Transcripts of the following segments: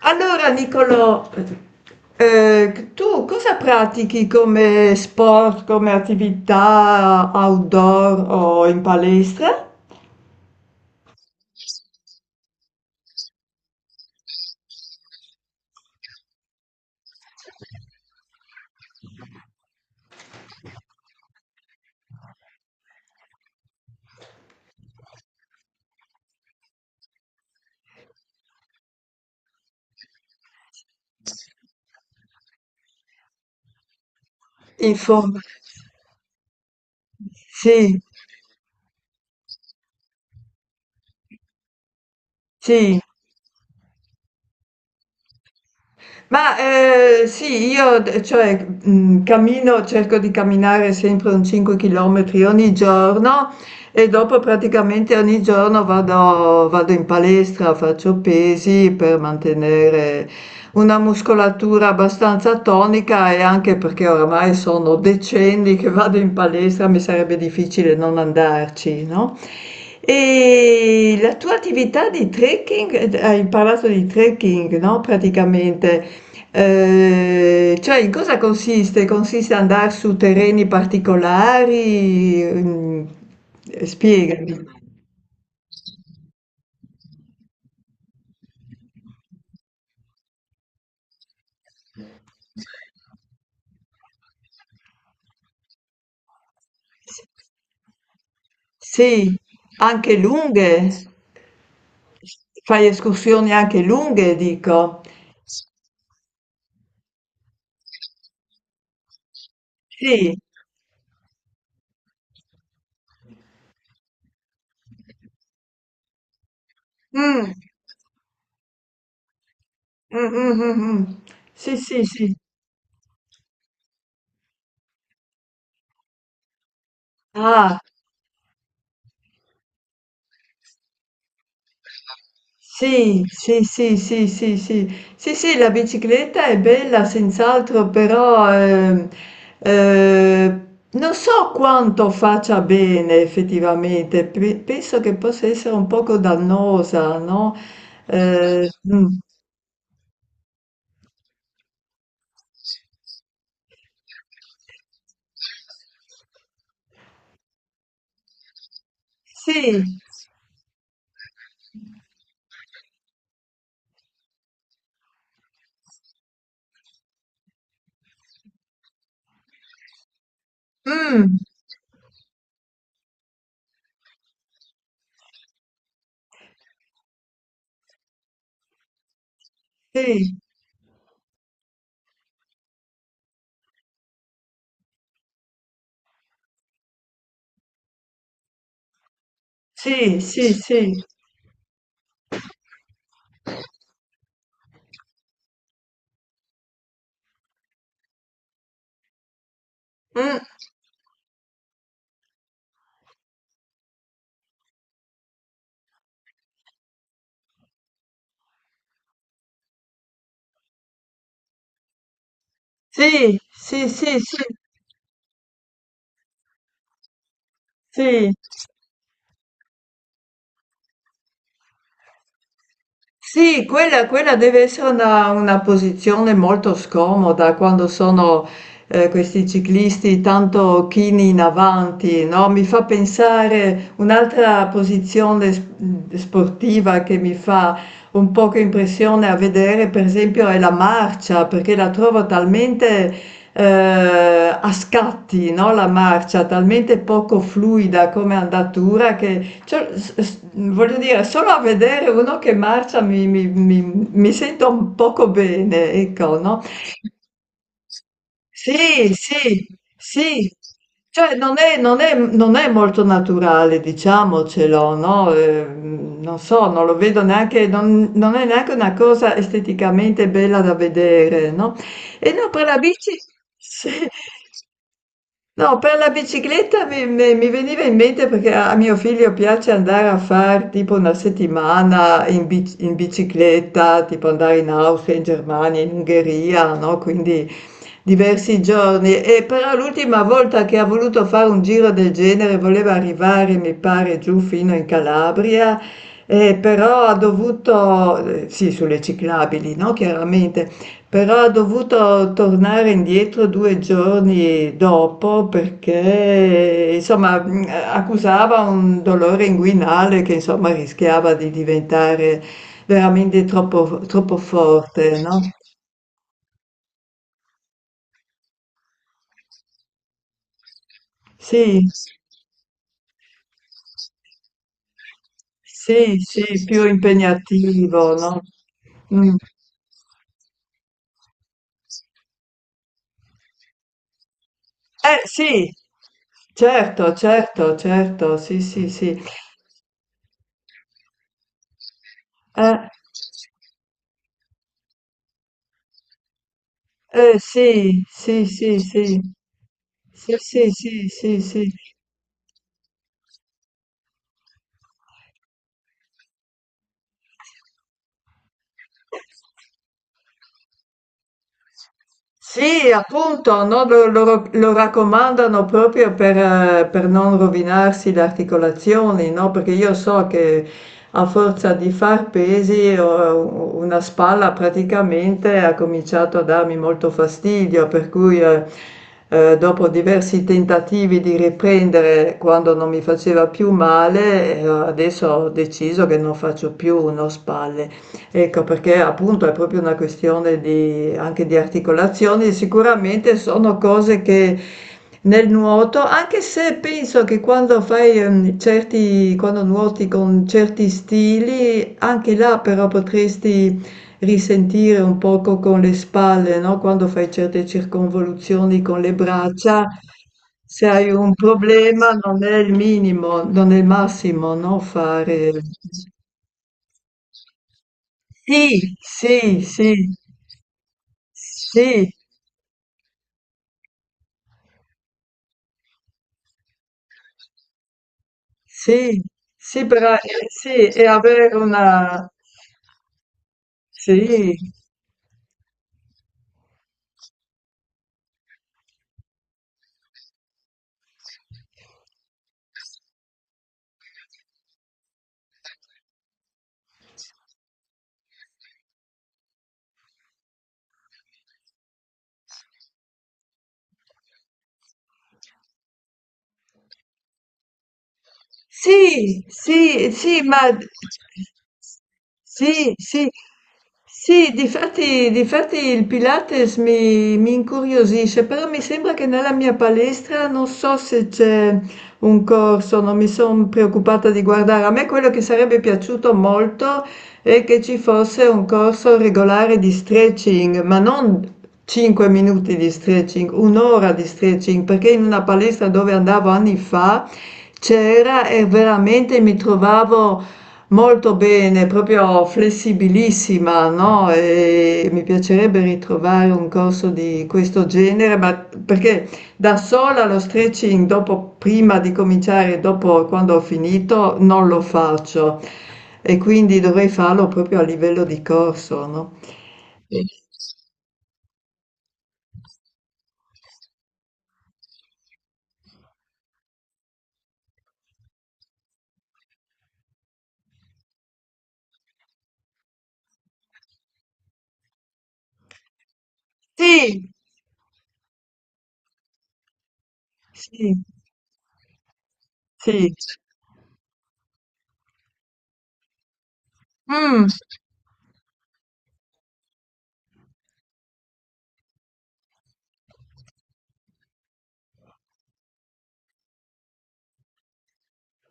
Allora, Nicolò, tu cosa pratichi come sport, come attività outdoor o in palestra? In forma. Sì, sì. Ma sì, io cammino, cerco di camminare sempre un 5 km ogni giorno. E dopo praticamente ogni giorno vado in palestra, faccio pesi per mantenere una muscolatura abbastanza tonica e anche perché oramai sono decenni che vado in palestra, mi sarebbe difficile non andarci, no. E la tua attività di trekking, d hai parlato di trekking, no, praticamente, cioè in cosa consiste? Consiste andar su terreni particolari? Mhmm. Spiegami. Sì, anche lunghe? Fai escursioni anche lunghe, dico. Sì. Mh. Mh, mh, mh, mh. Sì, sì, sì. Ah, sì, sì, sì, sì, sì, sì. Sì, sì, la bicicletta è bella senz'altro, però, ehm, non so quanto faccia bene effettivamente. Penso che possa essere un poco dannosa, no? Ehm, mh. Sì. Mh. Sì, sì, sì, sì. Mm, sì, sì, sì, sì, sì. Sì, quella deve essere una posizione molto scomoda quando sono, questi ciclisti tanto chini in avanti, no, mi fa pensare un'altra posizione sportiva che mi fa un poco impressione a vedere, per esempio, è la marcia, perché la trovo talmente, a scatti, no, la marcia, talmente poco fluida come andatura che cioè, voglio dire, solo a vedere uno che marcia mi sento un poco bene, ecco, no? Sì, sì, sì. Cioè, non è molto naturale, diciamocelo, no? Non so, non lo vedo neanche, non è neanche una cosa esteticamente bella da vedere, no? E no, per la bici, sì. No, per la bicicletta mi veniva in mente perché a mio figlio piace andare a fare tipo una settimana in, in bicicletta, tipo andare in Austria, in Germania, in Ungheria, no? Quindi diversi giorni. E però l'ultima volta che ha voluto fare un giro del genere voleva arrivare, mi pare, giù fino in Calabria, però ha dovuto, sì, sulle ciclabili, no? Chiaramente. Però ha dovuto tornare indietro 2 giorni dopo perché insomma, mhmm, accusava un dolore inguinale che insomma rischiava di diventare veramente troppo forte, no. Sì, sì, sì, più impegnativo, no. Mh. Eh sì, certo, certo, certo, sì, sì, sì. Eh, eh sì, sì, sì, sì. Sì, sì, sì, sì, sì. Sì, appunto, no, lo raccomandano proprio per non rovinarsi le articolazioni, no? Perché io so che a forza di far pesi una spalla praticamente ha cominciato a darmi molto fastidio, per cui dopo diversi tentativi di riprendere quando non mi faceva più male, adesso ho deciso che non faccio più uno spalle. Ecco, perché appunto è proprio una questione di, anche di articolazioni, sicuramente sono cose che nel nuoto, anche se penso che quando fai quando nuoti con certi stili, anche là però potresti risentire un poco con le spalle, no? Quando fai certe circonvoluzioni con le braccia, se hai un problema non è il minimo, non è il massimo, no? Fare... Sì, sì, sì, sì, sì, sì, sì, e avere una, sì. Sì, sì, sì, ma sì, sì, sì, difatti, difatti il Pilates mi incuriosisce, però mi sembra che nella mia palestra non so se c'è un corso, non mi sono preoccupata di guardare. A me quello che sarebbe piaciuto molto è che ci fosse un corso regolare di stretching, ma non 5 minuti di stretching, un'ora di stretching, perché in una palestra dove andavo anni fa c'era e veramente mi trovavo molto bene, proprio flessibilissima, no? E mi piacerebbe ritrovare un corso di questo genere, ma perché da sola lo stretching dopo, prima di cominciare, dopo quando ho finito, non lo faccio e quindi dovrei farlo proprio a livello di corso, no? Sì. Sì, sì, sì. Mm,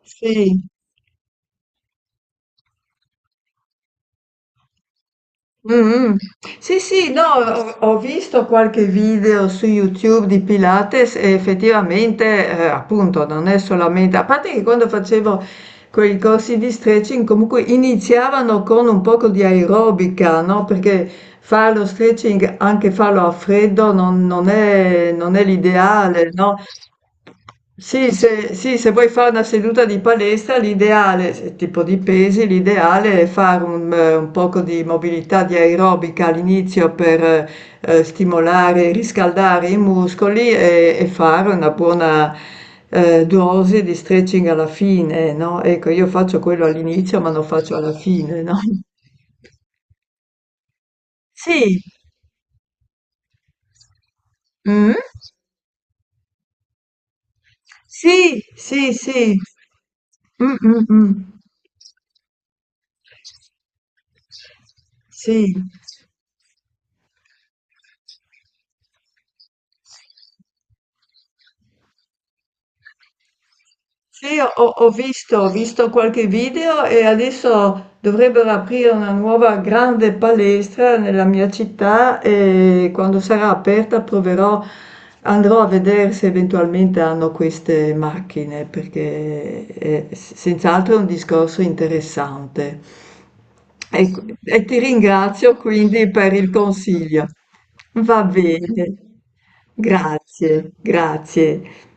sì. Mh-mh. Sì, sì, no, ho visto qualche video su YouTube di Pilates e effettivamente, appunto non è solamente a parte che quando facevo quei corsi di stretching comunque iniziavano con un poco di aerobica, no? Perché fare lo stretching, anche farlo a freddo, non è, non è l'ideale, no? Sì, se vuoi fare una seduta di palestra, l'ideale, tipo di pesi, l'ideale è fare un poco di mobilità di aerobica all'inizio per stimolare e riscaldare i muscoli e fare una buona, dose di stretching alla fine, no, ecco io faccio quello all'inizio, ma lo faccio alla fine, no. Sì, mh? Sì, sì, sì. Mh, mh, mh. Sì. Sì, ho visto qualche video e adesso dovrebbero aprire una nuova grande palestra nella mia città e quando sarà aperta proverò, andrò a vedere se eventualmente hanno queste macchine perché è senz'altro è un discorso interessante. E, e ti ringrazio quindi per il consiglio. Va bene, grazie, grazie.